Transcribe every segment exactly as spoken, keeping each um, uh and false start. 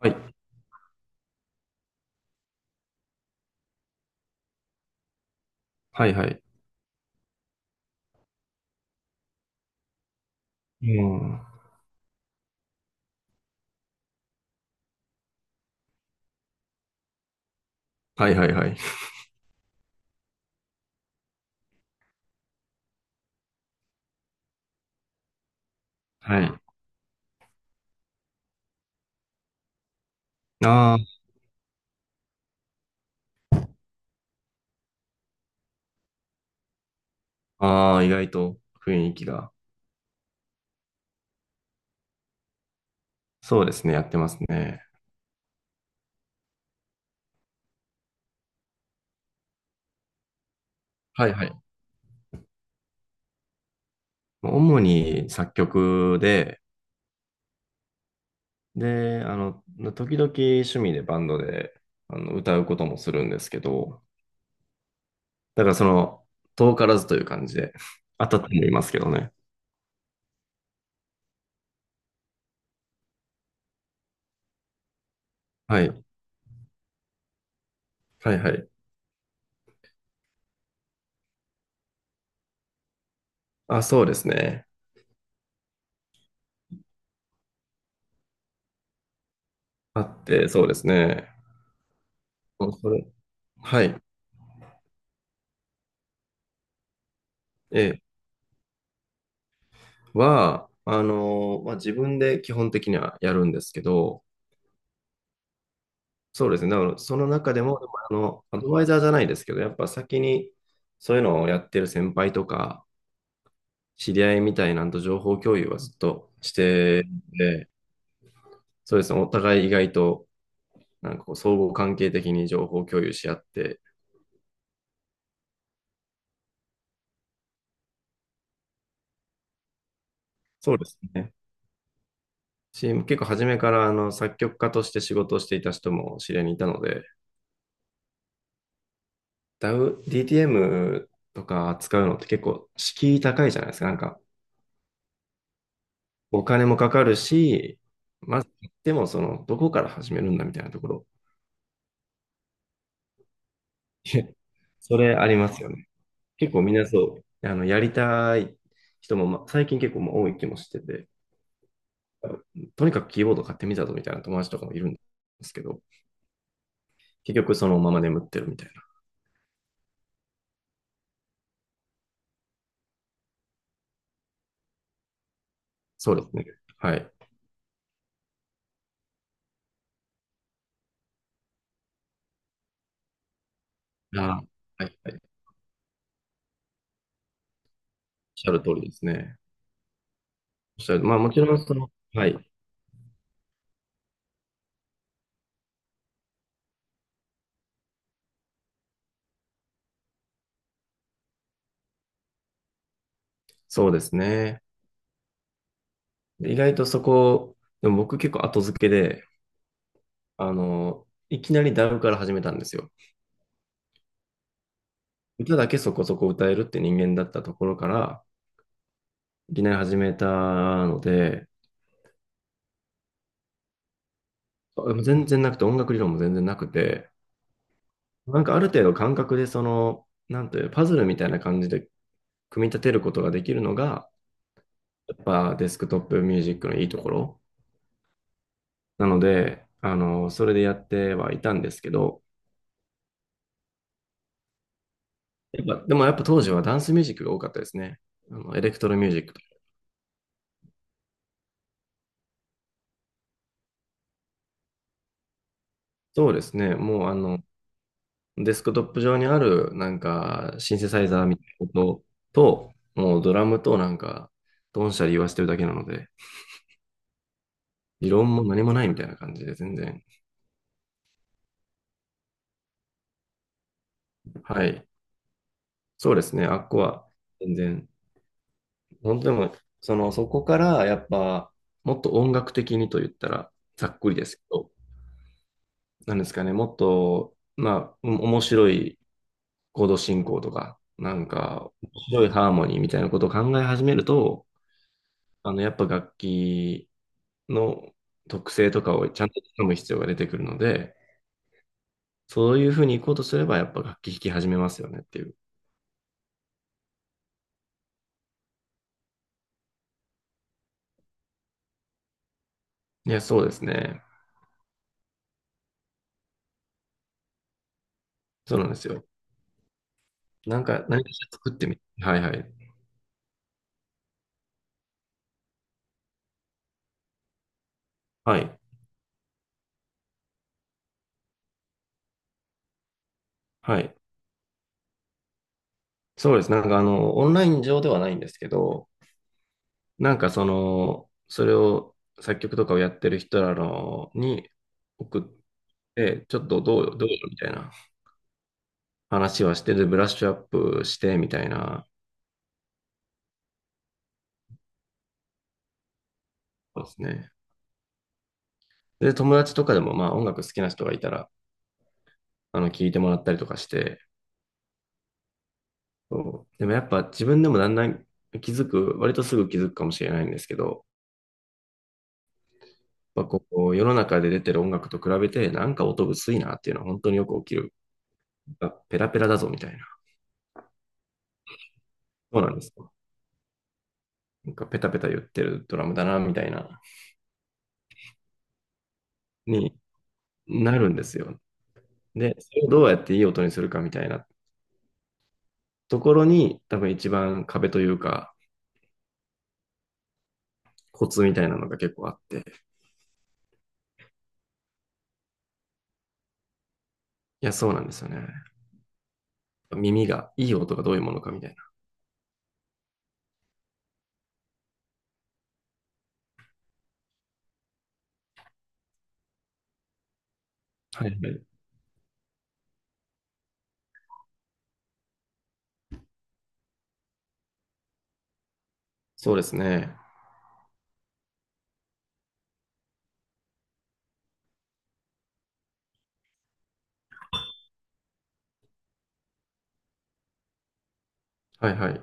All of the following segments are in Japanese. はい。はいはい。うん。はいはいはい。はい。ああ、ああ、意外と雰囲気が。そうですね、やってますね。はいはい。主に作曲で、で、あの、時々趣味でバンドであの歌うこともするんですけど、だからその、遠からずという感じで、当たってもいますけどね。はい。はいはい。あ、そうですね。あって、そうですね。おそれ、はい。ええは、あの、まあ、自分で基本的にはやるんですけど、そうですね。だからその中でも、でもあの、アドバイザーじゃないですけど、やっぱ先にそういうのをやってる先輩とか、知り合いみたいなんと情報共有はずっとしてて、そうですね。お互い意外と、なんかこう、相互関係的に情報共有し合って、そうですね。し結構初めからあの作曲家として仕事をしていた人も知り合いにいたので、d a ディーティーエム とか扱うのって結構敷居高いじゃないですか。なんかお金もかかるし、まず、でもその、どこから始めるんだみたいなところ、いやそれありますよね。結構みんなそう、あの、やりたい人も、ま、最近結構ま多い気もしてて、とにかくキーボード買ってみたぞみたいな友達とかもいるんですけど、結局そのまま眠ってるみたいな。そうですね。はい。ああ、はい、はい。おっしゃる通りですね。おっしゃる、まあもちろんその、はい、そうですね。で意外とそこ、でも僕結構後付けで、あの、いきなりダウから始めたんですよ。歌だけそこそこ歌えるって人間だったところから、いきなり始めたので、全然なくて、音楽理論も全然なくて、なんかある程度感覚で、その、なんていう、パズルみたいな感じで組み立てることができるのが、やっぱデスクトップミュージックのいいところなので、あの、それでやってはいたんですけど、やっぱ、でもやっぱ当時はダンスミュージックが多かったですね。あの、エレクトロミュージックと。そうですね。もうあの、デスクトップ上にある、なんか、シンセサイザーみたいなことと、もうドラムとなんか、ドンシャリ言わせてるだけなので、理論も何もないみたいな感じで、全然。はい。そうですね、あっこは、全然。本当にもう、その、そこから、やっぱ、もっと音楽的にと言ったら、ざっくりですけど、なんですかね、もっと、まあ、お面白いコード進行とか、なんか、面白いハーモニーみたいなことを考え始めると、あの、やっぱ楽器、の特性とかをちゃんと掴む必要が出てくるので、そういうふうに行こうとすれば、やっぱ楽器弾き始めますよねっていう。いや、そうですね。そうなんですよ。なんか、何かしら作ってみてはいはい。はい。はい。そうです。なんか、あの、オンライン上ではないんですけど、なんか、その、それを、作曲とかをやってる人らのに送って、ちょっとどうよ、どうよ、みたいな話はして、で、ブラッシュアップして、みたいな。そうですね。で、友達とかでも、まあ、音楽好きな人がいたら、あの、聞いてもらったりとかして、そう。でもやっぱ自分でもだんだん気づく、割とすぐ気づくかもしれないんですけど、やっぱこう、世の中で出てる音楽と比べて、なんか音薄いなっていうのは本当によく起きる。あペラペラだぞみたいな。そうなんですよ。なんかペタペタ言ってるドラムだなみたいな、になるんですよ。で、それをどうやっていい音にするかみたいなところに、多分一番壁というか、コツみたいなのが結構あって。いや、そうなんですよね。耳が、いい音がどういうものかみたいな。はいはい。そうですね。はいはい。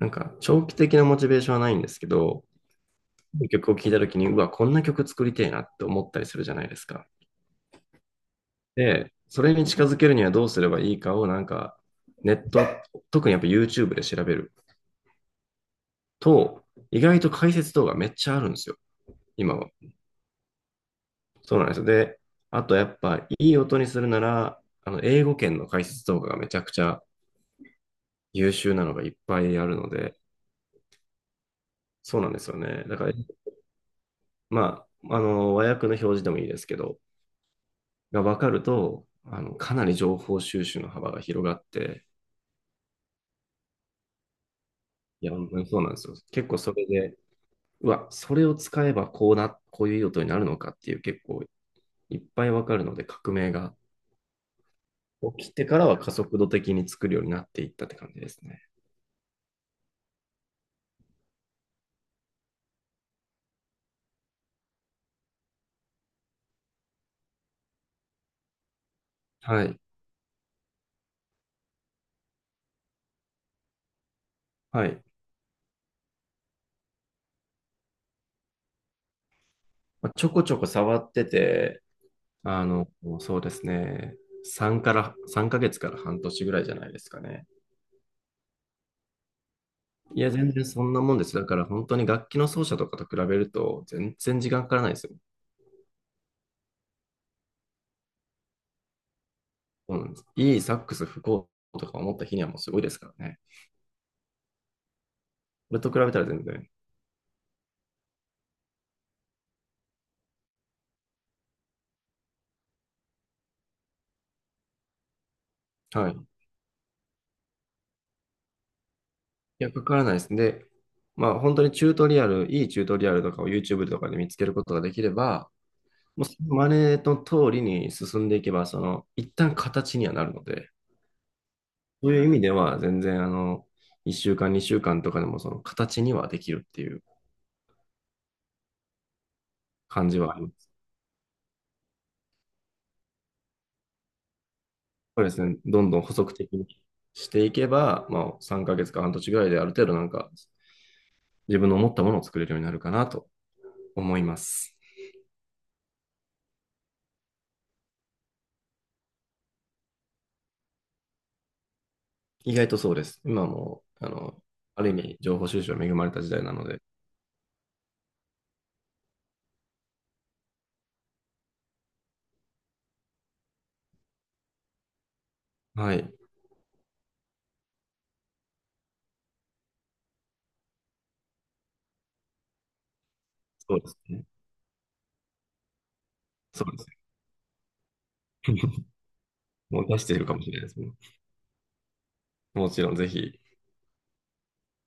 なんか、長期的なモチベーションはないんですけど、曲を聴いたときに、うわ、こんな曲作りてえなって思ったりするじゃないですか。で、それに近づけるにはどうすればいいかを、なんか、ネット、特にやっぱ YouTube で調べると、意外と解説動画めっちゃあるんですよ、今は。そうなんですよ。で、あとやっぱ、いい音にするなら、あの、英語圏の解説動画がめちゃくちゃ優秀なのがいっぱいあるので、そうなんですよね。だから、まあ、あの、和訳の表示でもいいですけど、が分かると、あの、かなり情報収集の幅が広がって、いや、本当にそうなんですよ。結構それで、うわ、それを使えばこうな、こういう用途になるのかっていう結構いっぱい分かるので、革命が起きてからは加速度的に作るようになっていったって感じですね。はい。はい。まあ、ちょこちょこ触ってて、あの、そうですね。3から、さんかげつから半年ぐらいじゃないですかね。いや、全然そんなもんです。だから本当に楽器の奏者とかと比べると、全然時間かからないですよ。うんいいサックス吹こうとか思った日にはもうすごいですからね。これと比べたら全然。はい。いや、かからないですね。で、まあ本当にチュートリアル、いいチュートリアルとかを YouTube とかで見つけることができれば、もうその真似の通りに進んでいけば、その、一旦形にはなるので、そういう意味では全然あの、いっしゅうかん、にしゅうかんとかでもその形にはできるっていう感じはあります。そうですね。どんどん補足的にしていけば、まあさんかげつか半年ぐらいである程度なんか自分の思ったものを作れるようになるかなと思います。意外とそうです。今も、あの、ある意味、情報収集に恵まれた時代なので、はい、そうですね。そうですね。もう出しているかもしれないですね。もちろん、ぜひ、